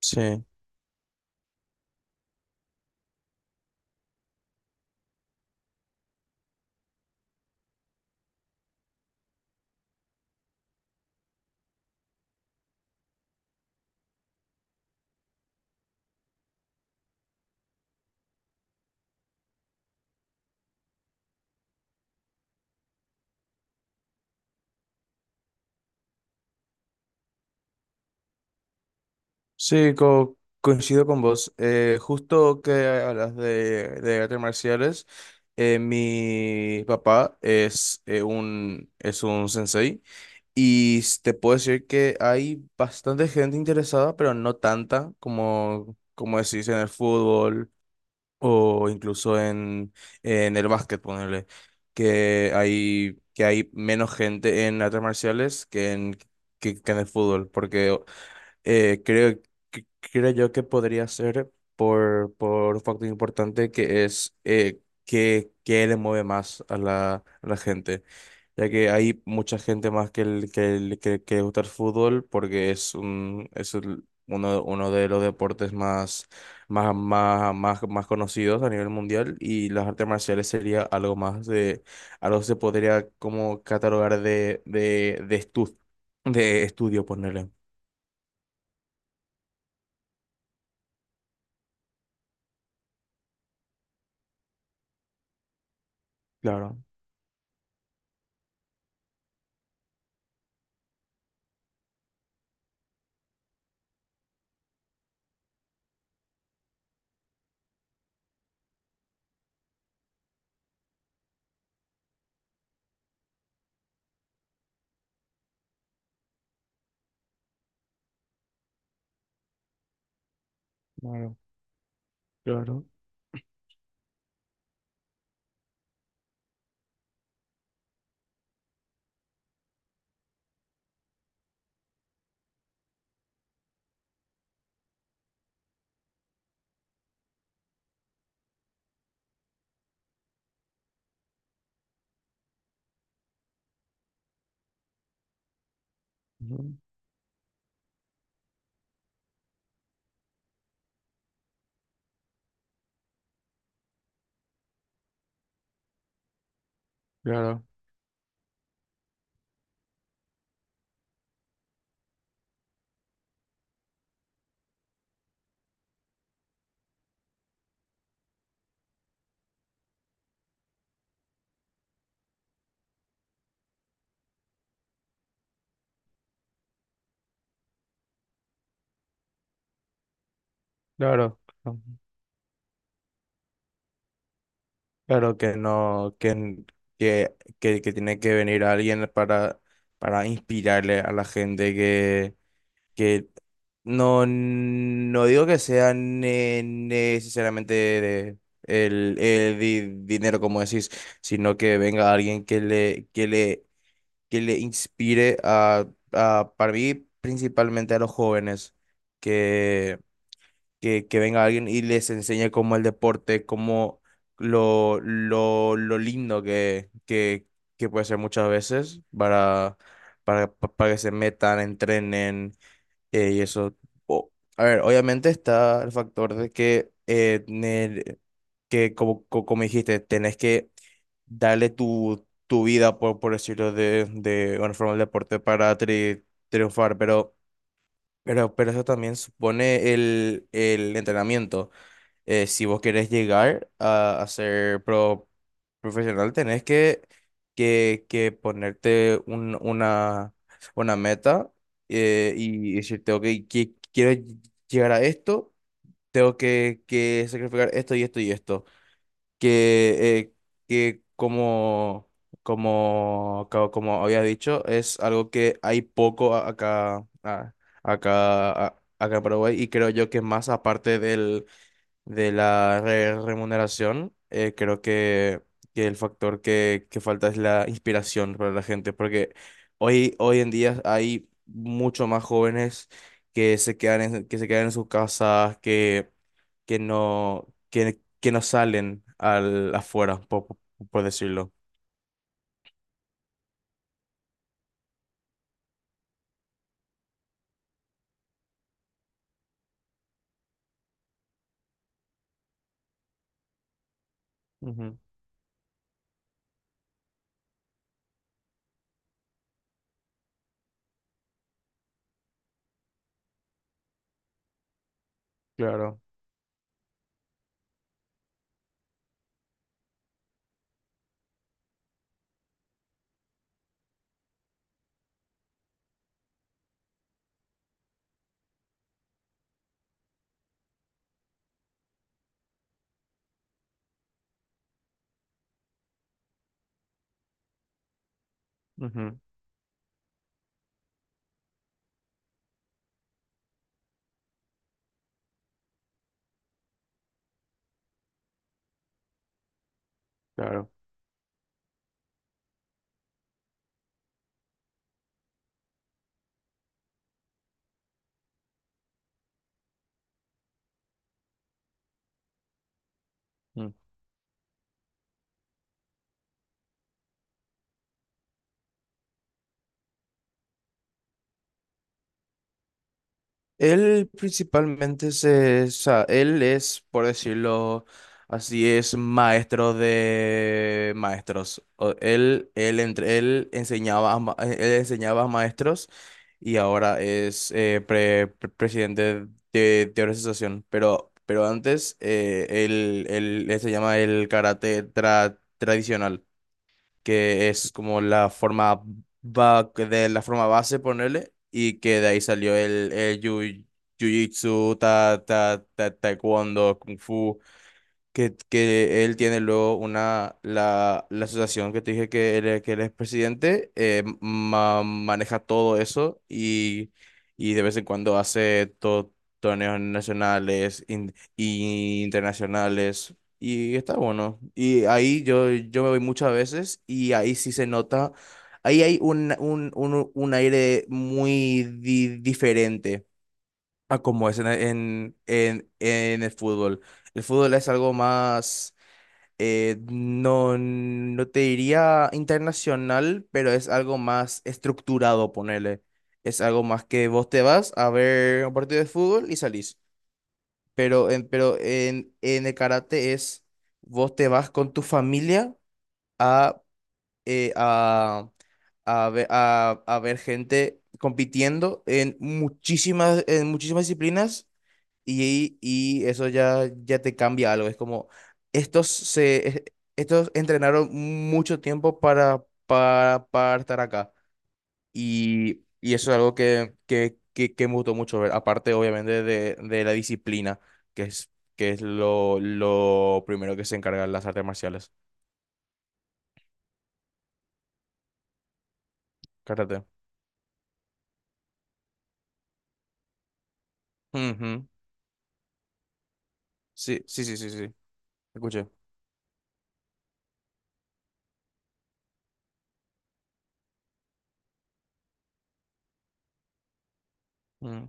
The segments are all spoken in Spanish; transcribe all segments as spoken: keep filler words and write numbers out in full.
Sí, sí, co- Coincido con vos. Eh, justo que hablas de, de artes marciales, eh, mi papá es, eh, un, es un sensei y s- te puedo decir que hay bastante gente interesada, pero no tanta como, como decís en el fútbol o incluso en, en el básquet, ponerle, que hay, que hay menos gente en artes marciales que en, que que en el fútbol, porque... Eh, creo, que- Creo yo que podría ser por, por un factor importante que es eh, que qué le mueve más a la, a la gente. Ya que hay mucha gente más que, el, que, el- que, que le gusta el fútbol porque es, un, es el- uno, uno de los deportes más, más, más, más, más conocidos a nivel mundial, y las artes marciales sería algo más de, algo que se podría como catalogar de, de, de, estu- de estudio, ponerle. claro Claro. Claro, ujú, claro, claro, claro Claro que no, que, n- que, que, que tiene que venir alguien para, para inspirarle a la gente que, que no, no digo que sea ne- necesariamente de- el, el di- dinero, como decís, sino que venga alguien que le, que le, que le inspire a, a, para mí, principalmente a los jóvenes, que, que venga alguien y les enseñe cómo el deporte, cómo lo, lo, lo lindo que, que, que puede ser muchas veces para, para, pa- para que se metan, entrenen, eh, y eso. O- a ver, obviamente está el factor de que, eh, ne- que como, co- como dijiste, tenés que darle tu, tu vida, por, por decirlo de, de una forma, al deporte para tri- triunfar, pero... Pero, pero eso también supone el, el entrenamiento, eh, si vos querés llegar a, a ser pro- profesional, tenés que, que, que ponerte un- una, una meta, eh, y decirte, ok, que, que- quiero llegar a esto, tengo que, que sacrificar esto y esto y esto. Que, eh, que como, como, co- Como había dicho, es algo que hay poco a- acá, a- acá, a- acá en Paraguay, y creo yo que más aparte del de la re- remuneración, eh, creo que, que el factor que, que falta es la inspiración para la gente, porque hoy, hoy en día hay mucho más jóvenes que se quedan en, que se quedan en sus casas, que, que no, que, que no salen al, afuera, por, por por decirlo. Ujú, claro, ujú, claro. Él principalmente se, o sea, él es, por decirlo así, es maestro de maestros. O- Él, él, entre, él enseñaba a, ma- él enseñaba a maestros, y ahora es eh, pre- pre- presidente de, de organización. Pero, pero antes, eh, él, él- él se llama el karate tra- tradicional, que es como la forma ba- de la forma base, ponerle, y que de ahí salió el, el jiu- jiu-jitsu, ta, ta, ta- taekwondo, kung fu, que, que él tiene luego una, la, la asociación que te dije que él, es- que él es presidente, eh, ma- maneja todo eso, y, y de vez en cuando hace to- torneos nacionales in- y internacionales, y está bueno. Y ahí yo, yo me voy muchas veces, y ahí sí se nota, ahí hay un, un, un, un aire muy di- diferente a como es en, en, en, en el fútbol. El fútbol es algo más, eh, no, no te diría internacional, pero es algo más estructurado, ponele. Es algo más que vos te vas a ver un partido de fútbol y salís. Pero en, pero en, en el karate es, vos te vas con tu familia a, eh, a, a, ver, a, a ver gente compitiendo en muchísimas, en muchísimas disciplinas, y, y eso ya, ya te cambia algo. Es como, estos, se, es- estos entrenaron mucho tiempo para, para, para estar acá. Y, y eso es algo que, que, que, que me gustó mucho ver. Aparte, obviamente, de, de la disciplina, que es, que es lo, lo primero que se encargan las artes marciales. Karate. Ujú. Sí, sí, sí, sí, sí. Escuché. Mm,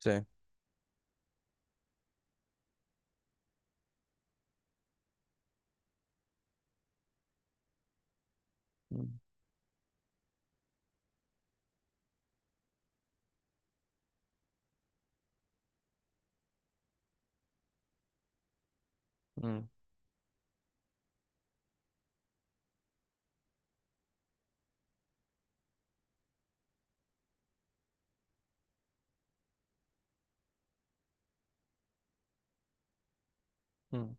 sí. Mm, mm, mm.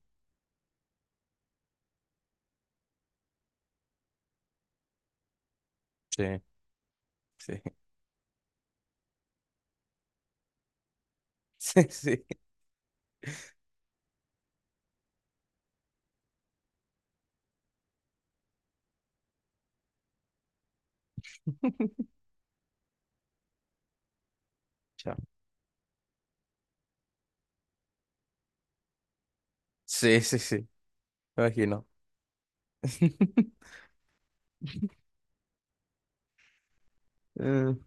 Sí, sí. Sí, sí. Ya. Sí, sí, sí. Me imagino. Mm.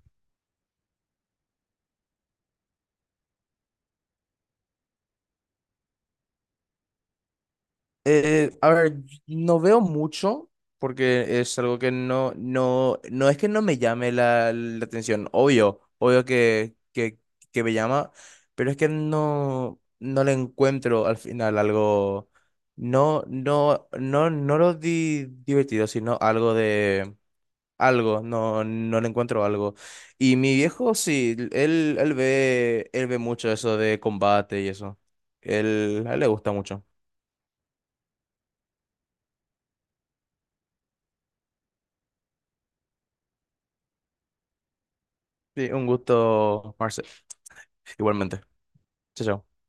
Eh, a ver, no veo mucho porque es algo que no, no, no es que no me llame la, la atención, obvio, obvio que, que, que me llama, pero es que no, no le encuentro al final algo, no, no, no, no lo di- divertido, sino algo. Algo, no, no le encuentro algo. Y mi viejo, sí, él, él ve, él ve mucho eso de combate y eso. Él, a él le gusta mucho. Sí, un gusto, Marcel. Igualmente. Chao, chao.